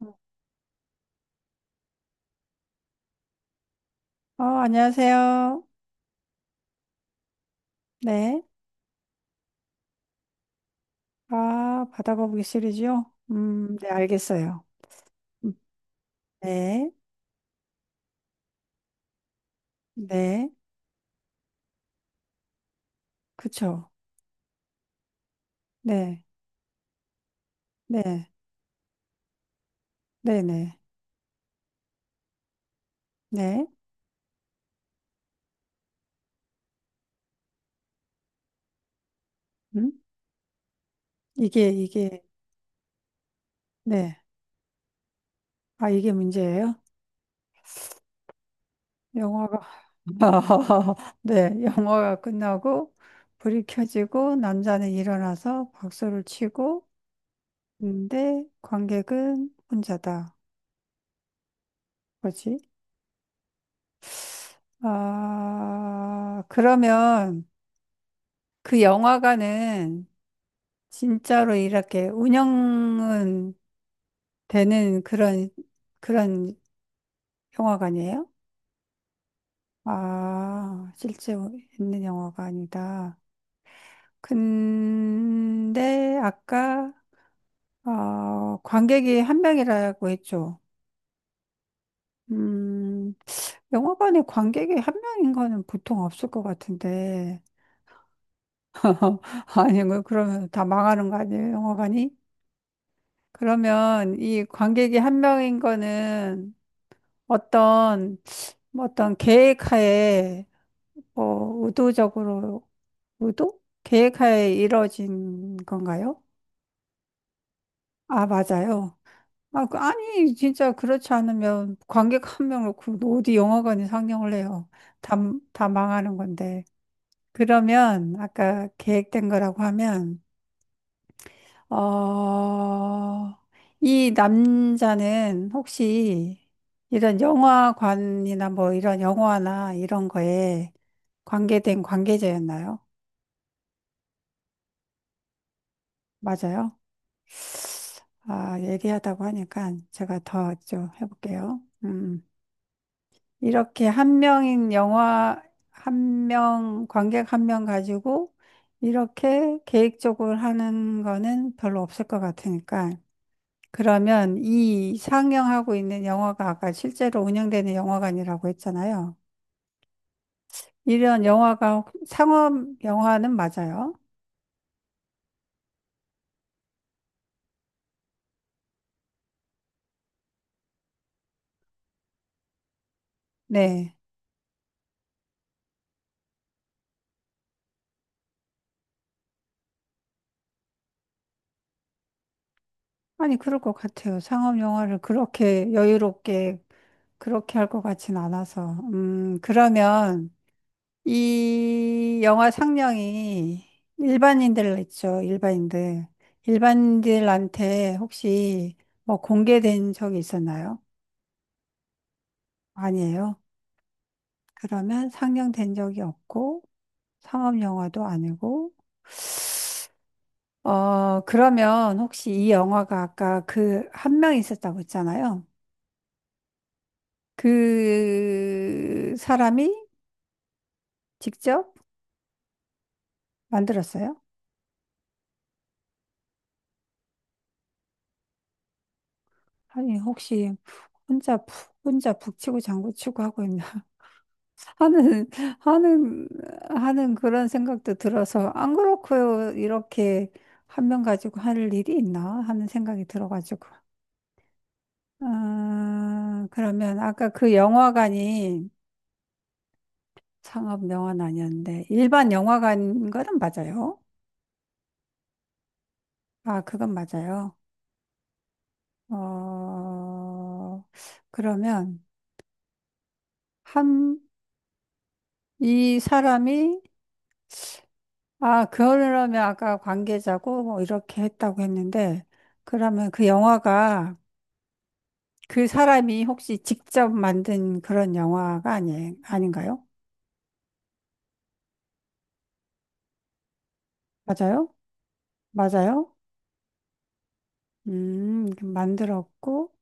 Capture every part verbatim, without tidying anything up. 어, 안녕하세요. 네. 아, 바다거북이 시리즈요? 음, 네, 알겠어요. 음, 네, 네, 그쵸. 네, 네, 네, 네, 네. 음? 이게, 이게, 네. 아, 이게 문제예요? 영화가, 네, 영화가 끝나고, 불이 켜지고, 남자는 일어나서 박수를 치고, 근데 관객은 혼자다. 뭐지? 아, 그러면, 그 영화관은 진짜로 이렇게 운영은 되는 그런, 그런 영화관이에요? 아, 실제 있는 영화관이다. 근데 아까, 어, 관객이 한 명이라고 했죠. 음, 영화관에 관객이 한 명인 거는 보통 없을 것 같은데. 아니, 뭐 그러면 다 망하는 거 아니에요, 영화관이? 그러면 이 관객이 한 명인 거는 어떤, 뭐 어떤 계획하에, 어, 의도적으로, 의도? 계획하에 이뤄진 건가요? 아, 맞아요. 아, 그- 아니, 진짜 그렇지 않으면 관객 한 명 놓고 어디 영화관이 상영을 해요. 다, 다 망하는 건데. 그러면, 아까 계획된 거라고 하면, 어, 이 남자는 혹시 이런 영화관이나 뭐 이런 영화나 이런 거에 관계된 관계자였나요? 맞아요? 아, 예리하다고 하니까 제가 더 좀 해볼게요. 음, 이렇게 한 명인 영화, 한 명, 관객 한 명 가지고 이렇게 계획적으로 하는 거는 별로 없을 것 같으니까 그러면 이 상영하고 있는 영화가 아까 실제로 운영되는 영화관이라고 했잖아요. 이런 영화가 상업 영화는 맞아요? 네. 아니, 그럴 것 같아요. 상업 영화를 그렇게 여유롭게 그렇게 할 것 같진 않아서. 음, 그러면 이 영화 상영이 일반인들 있죠. 일반인들. 일반인들한테 혹시 뭐 공개된 적이 있었나요? 아니에요. 그러면 상영된 적이 없고 상업 영화도 아니고 어 그러면 혹시 이 영화가 아까 그 한 명 있었다고 했잖아요. 그 사람이 직접 만들었어요? 아니 혹시 혼자 푹 혼자 북치고 장구치고 하고 있나 하는 하는 하는 그런 생각도 들어서 안 그렇고요 이렇게 한 명 가지고 할 일이 있나 하는 생각이 들어가지고 아, 그러면 아까 그 영화관이 상업 영화는 아니었는데 일반 영화관인 거는 맞아요. 아, 그건 맞아요. 어, 그러면 한, 이 사람이 아, 그러면 아까 관계자고 뭐 이렇게 했다고 했는데 그러면 그 영화가 그 사람이 혹시 직접 만든 그런 영화가 아니, 아닌가요? 맞아요? 맞아요? 음, 만들었고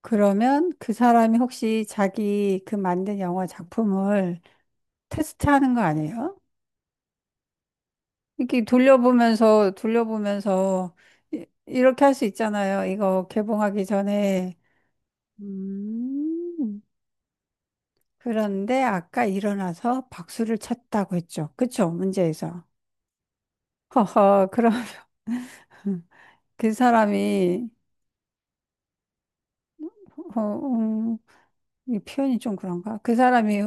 그러면 그 사람이 혹시 자기 그 만든 영화 작품을 테스트하는 거 아니에요? 이렇게 돌려보면서 돌려보면서 이- 이렇게 할 수 있잖아요. 이거 개봉하기 전에 음, 그런데 아까 일어나서 박수를 쳤다고 했죠. 그쵸? 문제에서. 허허, 그럼 그 사람이, 어, 음, 이 표현이 좀 그런가? 그 사람이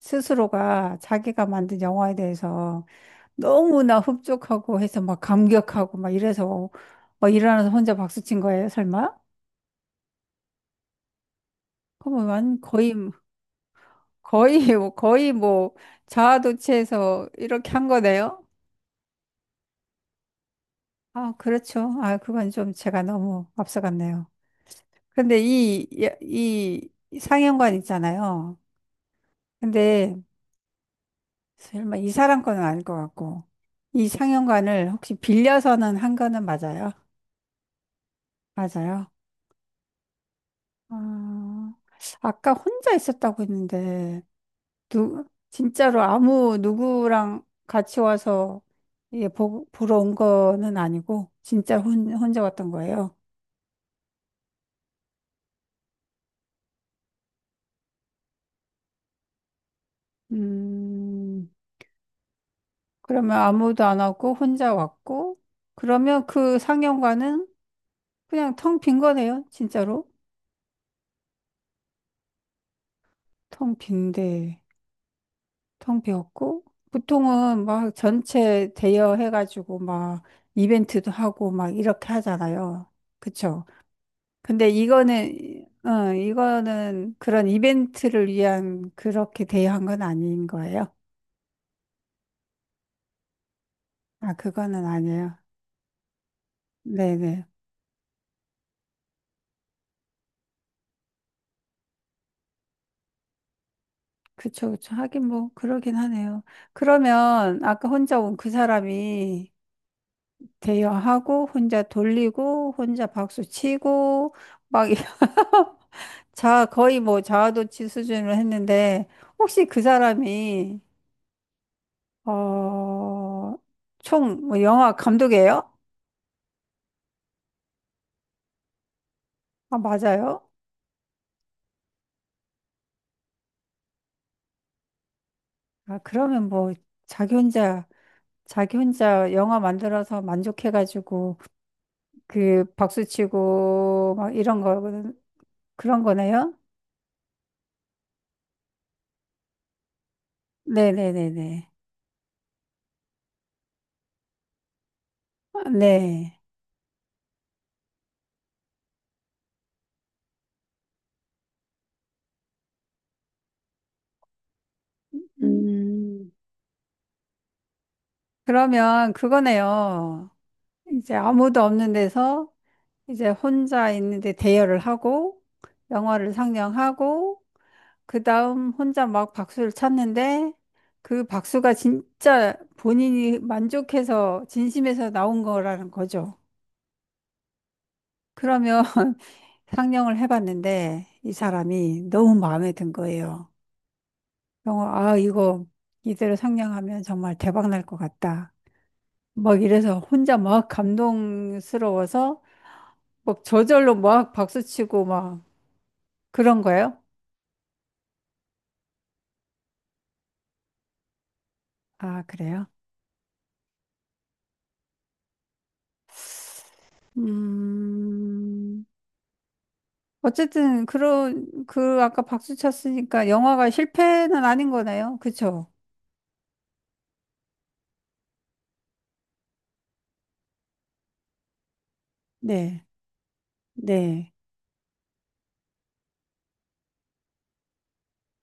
스스로가 자기가 만든 영화에 대해서 너무나 흡족하고 해서 막 감격하고 막 이래서 막 일어나서 혼자 박수 친 거예요, 설마? 그러면 완- 거의 거의 뭐 거의 뭐 자아도취해서 이렇게 한 거네요. 아, 그렇죠. 아, 그건 좀 제가 너무 앞서갔네요. 근데 이, 이, 이 상영관 있잖아요. 근데 설마 이 사람 거는 아닐 것 같고 이 상영관을 혹시 빌려서는 한 거는 맞아요? 맞아요. 아, 아까 혼자 있었다고 했는데 누, 진짜로 아무 누구랑 같이 와서 예, 보, 보러 온 거는 아니고 진짜 혼, 혼자 왔던 거예요. 음, 그러면 아무도 안 왔고 혼자 왔고 그러면 그 상영관은 그냥 텅 빈 거네요. 진짜로 텅 빈데 텅 비었고 보통은 막 전체 대여해가지고 막 이벤트도 하고 막 이렇게 하잖아요. 그쵸? 근데 이거는, 어, 이거는 그런 이벤트를 위한 그렇게 대여한 건 아닌 거예요? 아, 그거는 아니에요. 네네. 그쵸, 그쵸. 하긴 뭐, 그러긴 하네요. 그러면 아까 혼자 온 그 사람이 대여하고, 혼자 돌리고, 혼자 박수 치고, 막, 자, 거의 뭐 자아도취 수준으로 했는데, 혹시 그 사람이, 어, 총뭐 영화 감독이에요? 아, 맞아요? 아, 그러면 뭐, 자기 혼자, 자기 혼자 영화 만들어서 만족해가지고, 그, 박수치고, 막 이런 거, 그런 거네요? 네네네네. 아, 네. 음, 그러면 그거네요. 이제 아무도 없는 데서, 이제 혼자 있는데 대여를 하고, 영화를 상영하고, 그 다음 혼자 막 박수를 쳤는데 그 박수가 진짜 본인이 만족해서 진심에서 나온 거라는 거죠. 그러면 상영을 해봤는데 이 사람이 너무 마음에 든 거예요. 영어, 아, 이거 이대로 상영하면 정말 대박 날 것 같다. 막 이래서 혼자 막 감동스러워서 막 저절로 막 박수치고 막 그런 거예요? 아, 그래요? 음. 어쨌든 그런 그 아까 박수 쳤으니까 영화가 실패는 아닌 거네요. 그쵸? 네, 네,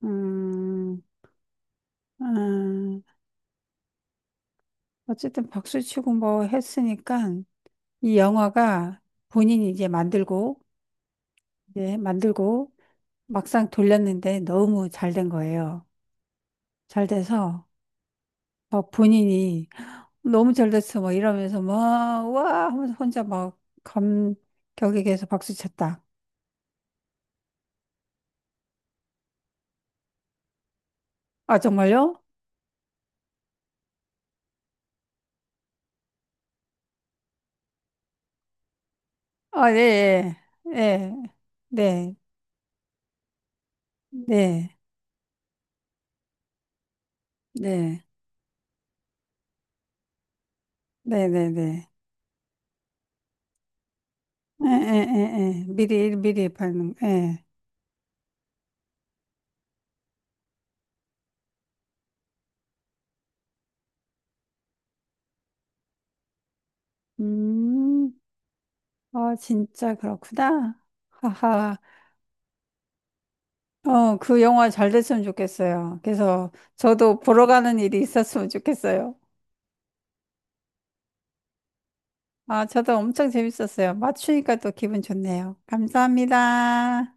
음, 음, 어쨌든 박수 치고 뭐 했으니까 이 영화가 본인이 이제 만들고 이제 만들고 막상 돌렸는데 너무 잘 된 거예요. 잘 돼서 막 본인이 너무 잘 됐어 막 이러면서 막 와 하면서 혼자 막 감격에 계속 박수 쳤다. 아 정말요? 아, 예, 예, 예, 네, 네, 네, 네, 네, 네. 예, 예, 예, 예. 미리, 미리 받는, 예. 음, 아, 진짜 그렇구나. 하하. 어, 그 영화 잘 됐으면 좋겠어요. 그래서 저도 보러 가는 일이 있었으면 좋겠어요. 아, 저도 엄청 재밌었어요. 맞추니까 또 기분 좋네요. 감사합니다.